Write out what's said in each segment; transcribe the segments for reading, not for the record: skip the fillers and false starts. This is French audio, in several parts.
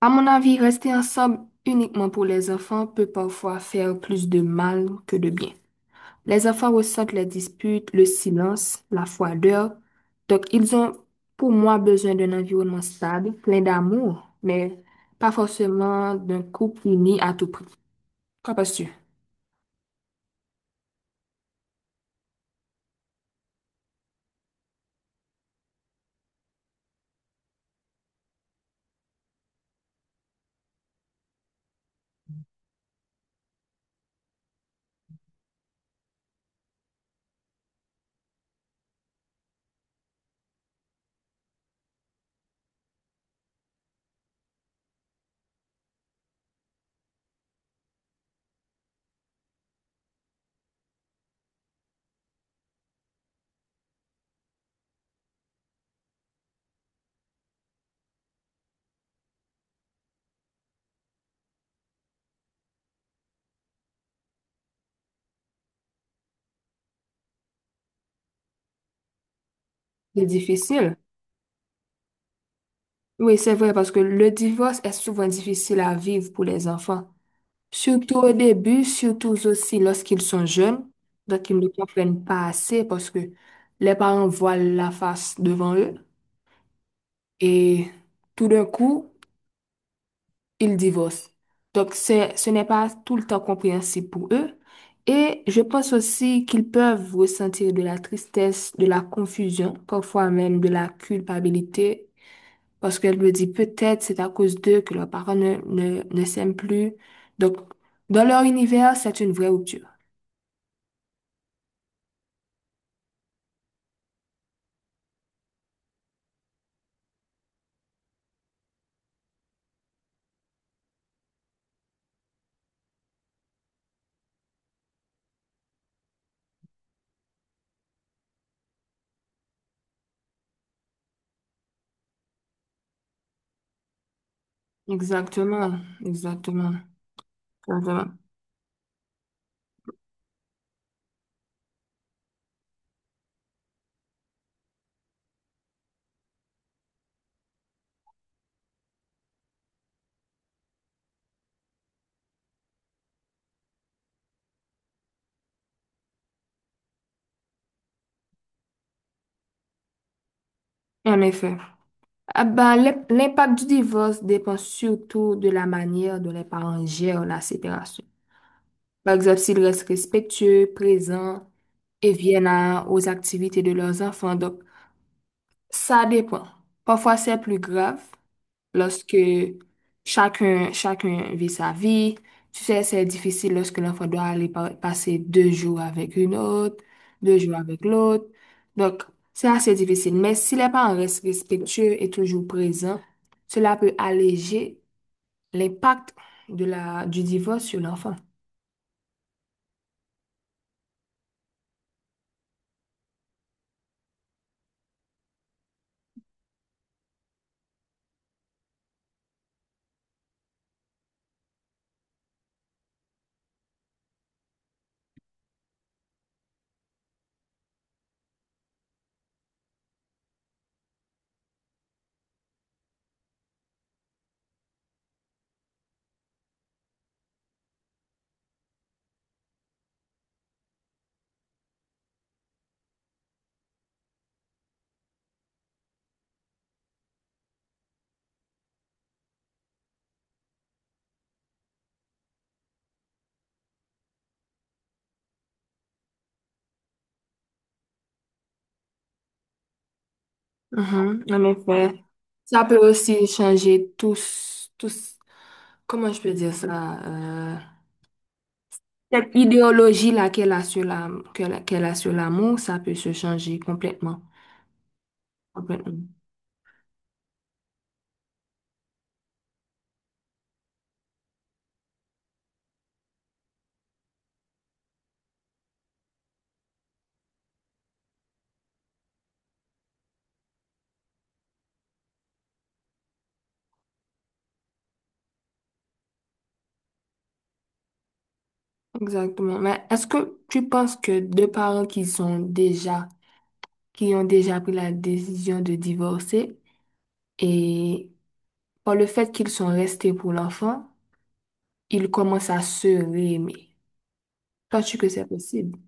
À mon avis, rester ensemble uniquement pour les enfants peut parfois faire plus de mal que de bien. Les enfants ressentent les disputes, le silence, la froideur. Donc, ils ont, pour moi, besoin d'un environnement stable, plein d'amour, mais pas forcément d'un couple uni à tout prix. Qu'en penses-tu? C'est difficile. Oui, c'est vrai, parce que le divorce est souvent difficile à vivre pour les enfants. Surtout au début, surtout aussi lorsqu'ils sont jeunes, donc ils ne comprennent pas assez parce que les parents voient la face devant eux et tout d'un coup, ils divorcent. Donc ce n'est pas tout le temps compréhensible pour eux. Et je pense aussi qu'ils peuvent ressentir de la tristesse, de la confusion, parfois même de la culpabilité, parce qu'elle me dit peut-être c'est à cause d'eux que leurs parents ne s'aiment plus. Donc dans leur univers, c'est une vraie rupture. Exactement, exactement, exactement. En effet. Ah ben, l'impact du divorce dépend surtout de la manière dont les parents gèrent la séparation. Par exemple, s'ils restent respectueux, présents et viennent aux activités de leurs enfants. Donc, ça dépend. Parfois, c'est plus grave, lorsque chacun vit sa vie. Tu sais, c'est difficile lorsque l'enfant doit aller passer deux jours avec une autre, deux jours avec l'autre. Donc, c'est assez difficile. Mais si les parents restent respectueux et toujours présents, cela peut alléger l'impact de la, du divorce sur l'enfant. Mhm, en effet. Ça peut aussi changer tous, comment je peux dire ça? Cette idéologie-là qu'elle a sur l'amour, ça peut se changer complètement. Complètement. Exactement. Mais est-ce que tu penses que deux parents qui sont déjà, qui ont déjà pris la décision de divorcer et par le fait qu'ils sont restés pour l'enfant, ils commencent à se réaimer? Penses-tu que c'est possible?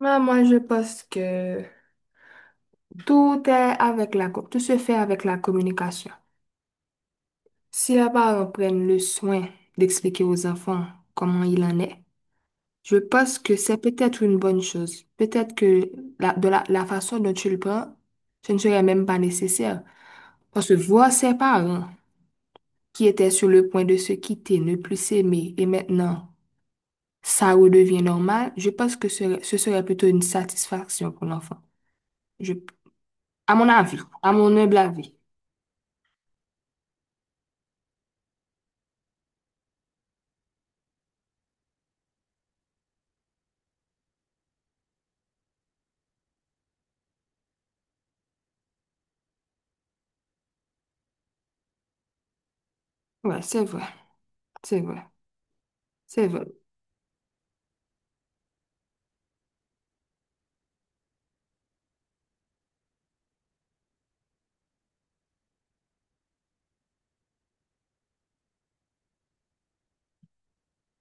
Ouais, moi, je pense que tout se fait avec la communication. Si les parents prennent le soin d'expliquer aux enfants comment il en est, je pense que c'est peut-être une bonne chose. Peut-être que la façon dont tu le prends, ce ne serait même pas nécessaire. Parce que voir ses parents qui étaient sur le point de se quitter, ne plus s'aimer, et maintenant ça redevient normal, je pense que ce serait plutôt une satisfaction pour l'enfant. Je, à mon avis, à mon humble avis. Ouais, c'est vrai, c'est vrai, c'est vrai.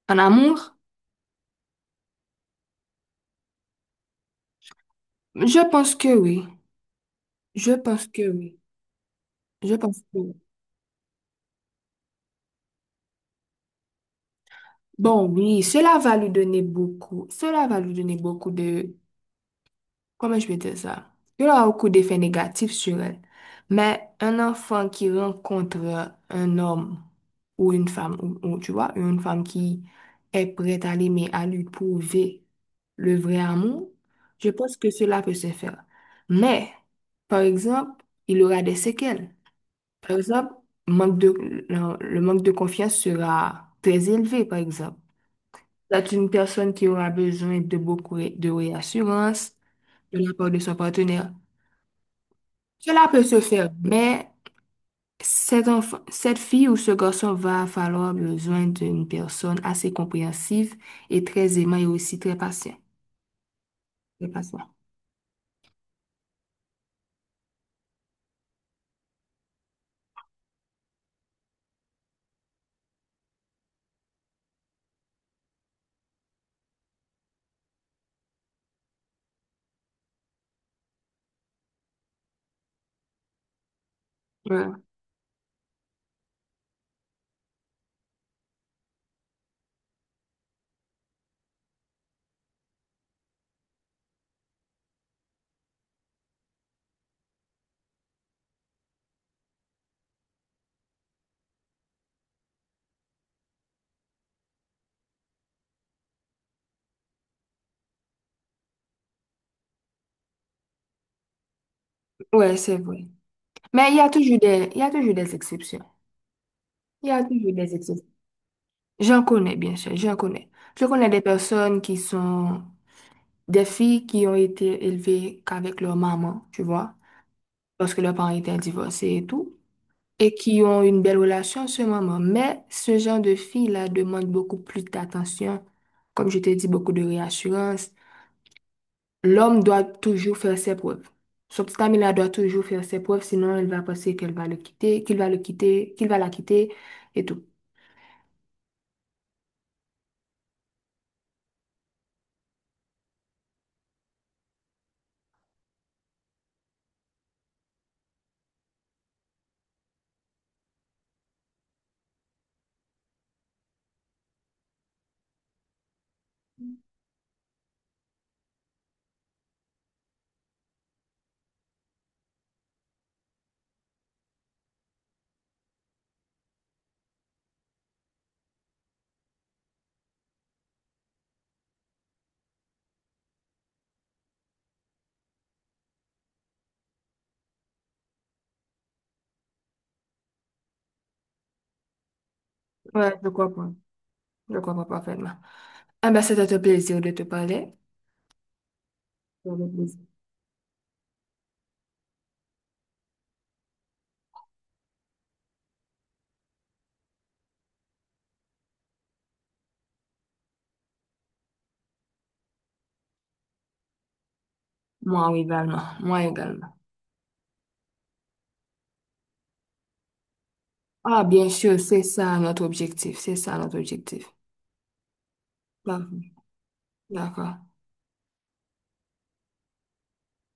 En amour, je pense que oui. Je pense que oui. Je pense que oui. Bon, oui, cela va lui donner beaucoup. Cela va lui donner beaucoup de... Comment je vais dire ça? Il aura beaucoup d'effets négatifs sur elle. Mais un enfant qui rencontre un homme ou une femme, tu vois, une femme qui est prête à l'aimer, à lui prouver le vrai amour, je pense que cela peut se faire. Mais, par exemple, il aura des séquelles. Par exemple, manque de, le manque de confiance sera très élevé, par exemple. C'est une personne qui aura besoin de beaucoup de réassurance de la part de son partenaire. Cela peut se faire, mais cet enfant, cette fille ou ce garçon va falloir besoin d'une personne assez compréhensive et très aimante et aussi très patient. Très patient. Ouais, ouais, c'est vrai. Mais il y a toujours des exceptions. Il y a toujours des exceptions. J'en connais, bien sûr, j'en connais. Je connais des personnes qui sont des filles qui ont été élevées qu'avec leur maman, tu vois, parce que leurs parents étaient divorcés et tout, et qui ont une belle relation ce moment. Mais ce genre de filles-là demande beaucoup plus d'attention, comme je t'ai dit, beaucoup de réassurance. L'homme doit toujours faire ses preuves. Son petit ami-là doit toujours faire ses preuves, sinon elle va penser qu'elle va le quitter, qu'il va le quitter, qu'il va la quitter et tout. Ouais, je comprends. Je comprends parfaitement. Ah ben, c'était un plaisir de te parler. C'était un plaisir. Moi également. Moi également. Ah, bien sûr, c'est ça notre objectif. C'est ça notre objectif. Parfait. D'accord.